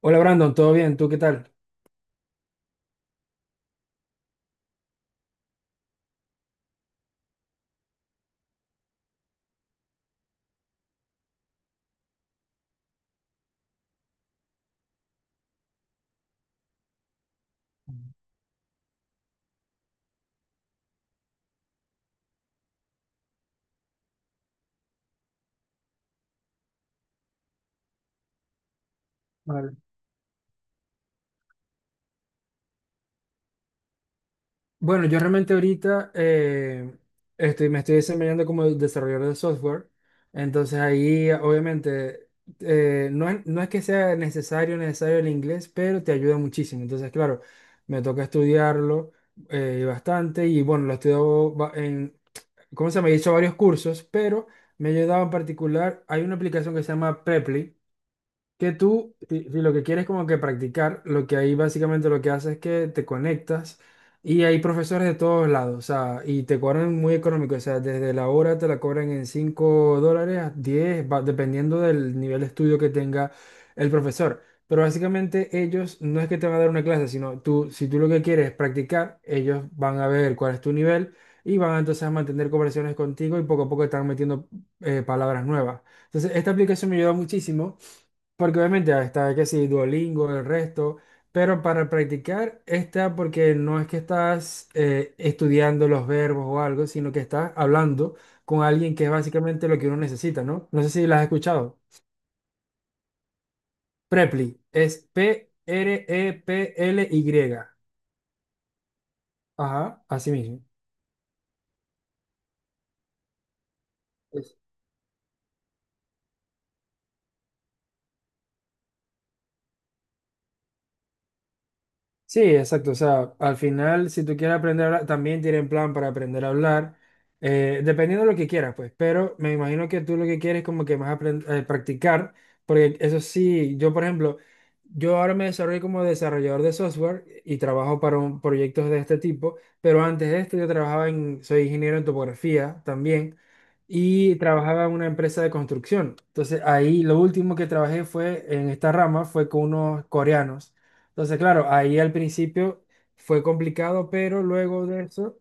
Hola Brandon, ¿todo bien? ¿Tú qué tal? Vale. Bueno, yo realmente ahorita me estoy desempeñando como desarrollador de software, entonces ahí obviamente no es que sea necesario el inglés, pero te ayuda muchísimo. Entonces, claro, me toca estudiarlo bastante y bueno, lo estudio en, ¿cómo se llama? He hecho varios cursos, pero me ha ayudado en particular, hay una aplicación que se llama Preply, que tú, si lo que quieres como que practicar, lo que ahí básicamente lo que hace es que te conectas y hay profesores de todos lados, o sea, y te cobran muy económico, o sea, desde la hora te la cobran en $5 a 10 va, dependiendo del nivel de estudio que tenga el profesor. Pero básicamente ellos no es que te van a dar una clase, sino tú, si tú lo que quieres es practicar, ellos van a ver cuál es tu nivel y van entonces a mantener conversaciones contigo y poco a poco están metiendo palabras nuevas. Entonces, esta aplicación me ayuda muchísimo porque obviamente está que sí, Duolingo, el resto, pero para practicar está porque no es que estás estudiando los verbos o algo, sino que estás hablando con alguien que es básicamente lo que uno necesita, ¿no? No sé si las has escuchado. Preply, es Preply. Ajá, así mismo. Sí, exacto. O sea, al final, si tú quieres aprender a hablar, también tienen plan para aprender a hablar, dependiendo de lo que quieras, pues. Pero me imagino que tú lo que quieres es como que más practicar, porque eso sí, yo, por ejemplo, yo ahora me desarrollo como desarrollador de software y trabajo para proyectos de este tipo, pero antes de esto yo trabajaba soy ingeniero en topografía también y trabajaba en una empresa de construcción. Entonces, ahí lo último que trabajé fue en esta rama, fue con unos coreanos. Entonces, claro, ahí al principio fue complicado, pero luego de eso,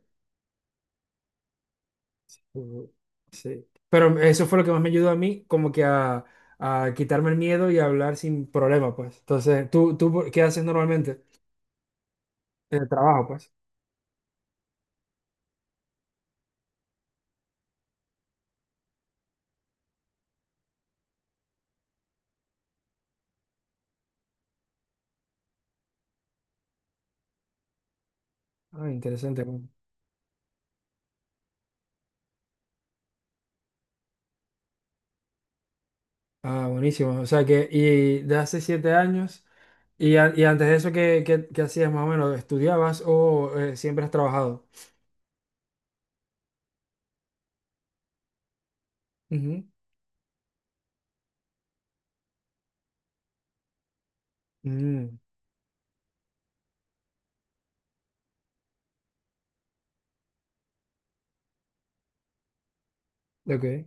uh, sí. Pero eso fue lo que más me ayudó a mí, como que a quitarme el miedo y a hablar sin problema, pues. Entonces, ¿tú qué haces normalmente? En el trabajo, pues. Ah, interesante. Bueno. Ah, buenísimo. O sea que, y de hace 7 años, y antes de eso, qué hacías más o menos? ¿Estudiabas o siempre has trabajado? Ujú. Mm, ok.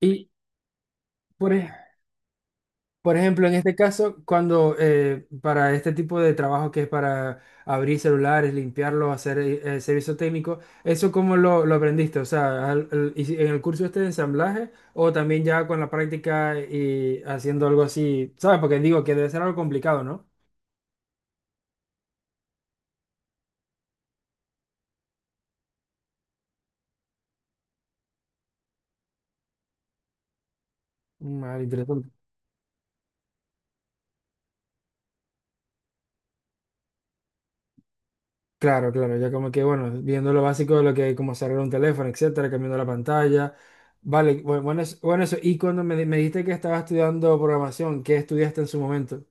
Y por, ej- por ejemplo, en este caso, cuando para este tipo de trabajo que es para abrir celulares, limpiarlos, hacer servicio técnico, ¿eso cómo lo aprendiste? O sea, ¿en el curso este de ensamblaje o también ya con la práctica y haciendo algo así? ¿Sabes? Porque digo que debe ser algo complicado, ¿no? Mal interesante. Claro, claro, ya como que, bueno, viendo lo básico de lo que, hay, como cerrar un teléfono, etcétera, cambiando la pantalla. Vale, bueno, bueno, eso. Y cuando me, me dijiste que estabas estudiando programación, ¿qué estudiaste en su momento?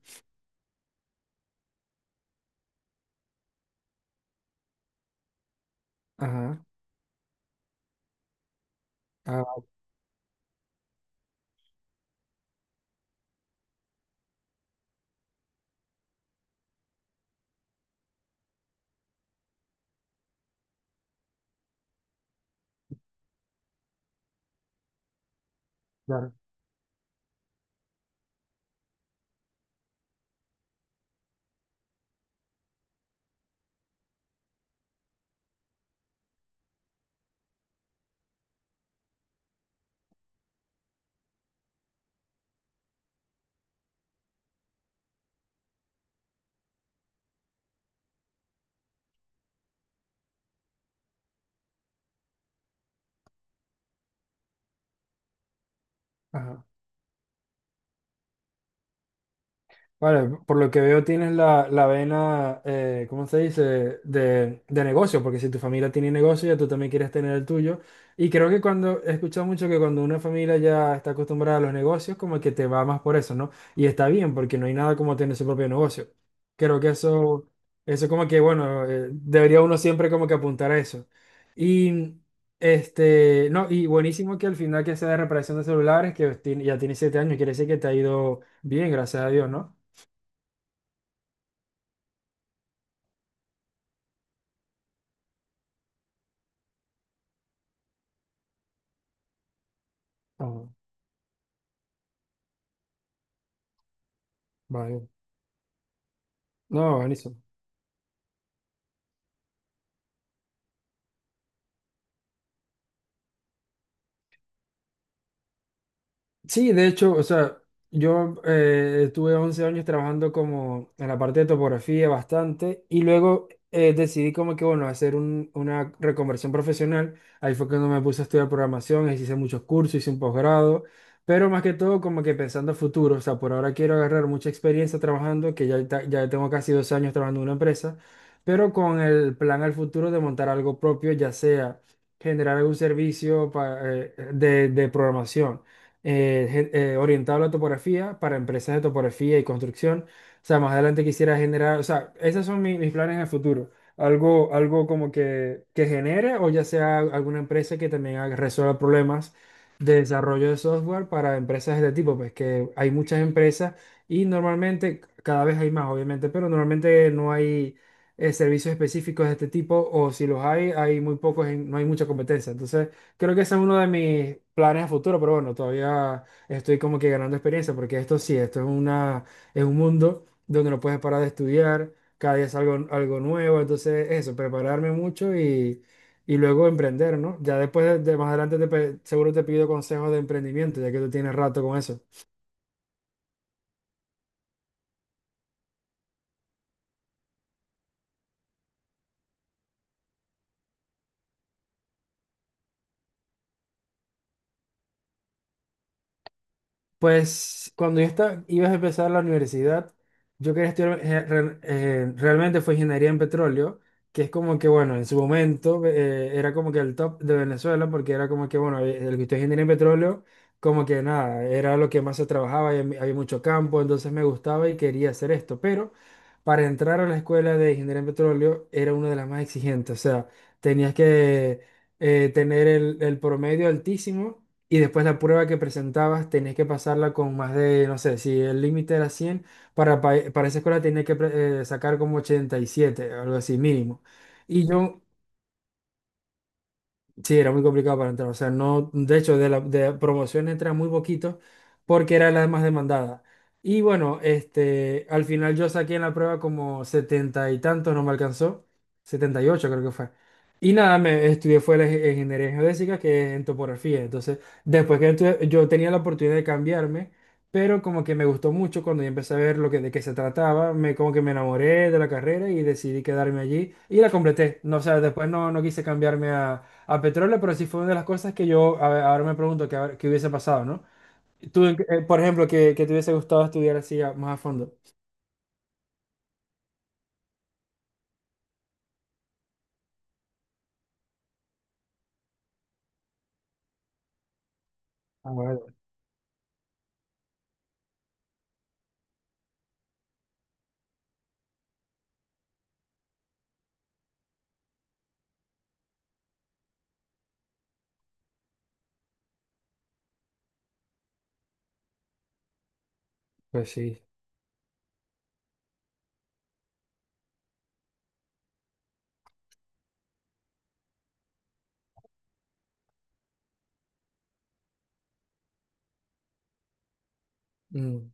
Ajá. Ah, claro. Ajá. Vale, por lo que veo tienes la vena, ¿cómo se dice? De negocio, porque si tu familia tiene negocio, ya tú también quieres tener el tuyo. Y creo que cuando, he escuchado mucho que cuando una familia ya está acostumbrada a los negocios, como que te va más por eso, ¿no? Y está bien, porque no hay nada como tener su propio negocio. Creo que eso como que, bueno, debería uno siempre como que apuntar a eso. Y, este, no, y buenísimo que al final que sea de reparación de celulares, que ya tiene siete años, quiere decir que te ha ido bien, gracias a Dios, ¿no? Ah, vale. No, buenísimo. Sí, de hecho, o sea, yo estuve 11 años trabajando como en la parte de topografía bastante y luego decidí como que, bueno, hacer una reconversión profesional. Ahí fue cuando me puse a estudiar programación, ahí sí hice muchos cursos, hice un posgrado, pero más que todo como que pensando a futuro, o sea, por ahora quiero agarrar mucha experiencia trabajando, que ya, ya tengo casi 2 años trabajando en una empresa, pero con el plan al futuro de montar algo propio, ya sea generar algún servicio de programación orientado a la topografía para empresas de topografía y construcción. O sea, más adelante quisiera generar, o sea, esos son mis planes en el futuro. Algo, algo como que, genere o ya sea alguna empresa que también resuelva problemas de desarrollo de software para empresas de este tipo, pues que hay muchas empresas y normalmente cada vez hay más, obviamente, pero normalmente no hay servicios específicos de este tipo o si los hay, hay muy pocos, no hay mucha competencia. Entonces, creo que ese es uno de mis planes a futuro, pero bueno, todavía estoy como que ganando experiencia, porque esto sí, esto es una, es un mundo donde no puedes parar de estudiar, cada día es algo, algo nuevo, entonces eso, prepararme mucho y luego emprender, ¿no? Ya después de más adelante te seguro te pido consejos de emprendimiento, ya que tú tienes rato con eso. Pues cuando yo estaba, ibas a empezar la universidad, yo quería estudiar, realmente fue ingeniería en petróleo, que es como que, bueno, en su momento era como que el top de Venezuela, porque era como que, bueno, el que estudia ingeniería en petróleo, como que nada, era lo que más se trabajaba, y había mucho campo, entonces me gustaba y quería hacer esto, pero para entrar a la escuela de ingeniería en petróleo era una de las más exigentes, o sea, tenías que tener el promedio altísimo y después la prueba que presentabas tenés que pasarla con más de, no sé, si el límite era 100 para, para esa escuela tenés que sacar como 87 algo así mínimo. Y yo Sí, era muy complicado para entrar. O sea, no, de hecho, de la de promoción entra muy poquito porque era la más demandada. Y bueno, este, al final yo saqué en la prueba como setenta y tantos, no me alcanzó. Setenta y ocho creo que fue. Y nada, me estudié fue la ingeniería geodésica, que es en topografía. Entonces, después que yo tenía la oportunidad de cambiarme, pero como que me gustó mucho cuando yo empecé a ver lo que, de qué se trataba, me, como que me enamoré de la carrera y decidí quedarme allí y la completé. No, o sea, después no, no quise cambiarme a petróleo, pero sí fue una de las cosas que yo a ver, ahora me pregunto qué qué hubiese pasado, ¿no? Tú, en por ejemplo, que te hubiese gustado estudiar así más a fondo. Ah, bueno, pues sí. Mm,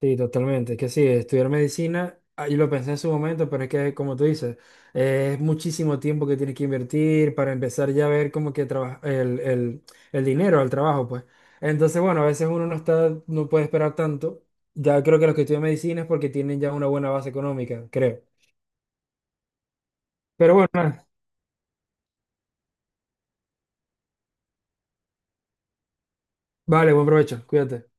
sí, totalmente. Que sí, estudiar medicina, ah, yo lo pensé en su momento, pero es que, como tú dices, es muchísimo tiempo que tienes que invertir para empezar ya a ver como que el dinero al trabajo, pues. Entonces, bueno, a veces uno no está, no puede esperar tanto. Ya creo que los que estudian medicina es porque tienen ya una buena base económica, creo. Pero bueno. Vale, buen provecho, cuídate.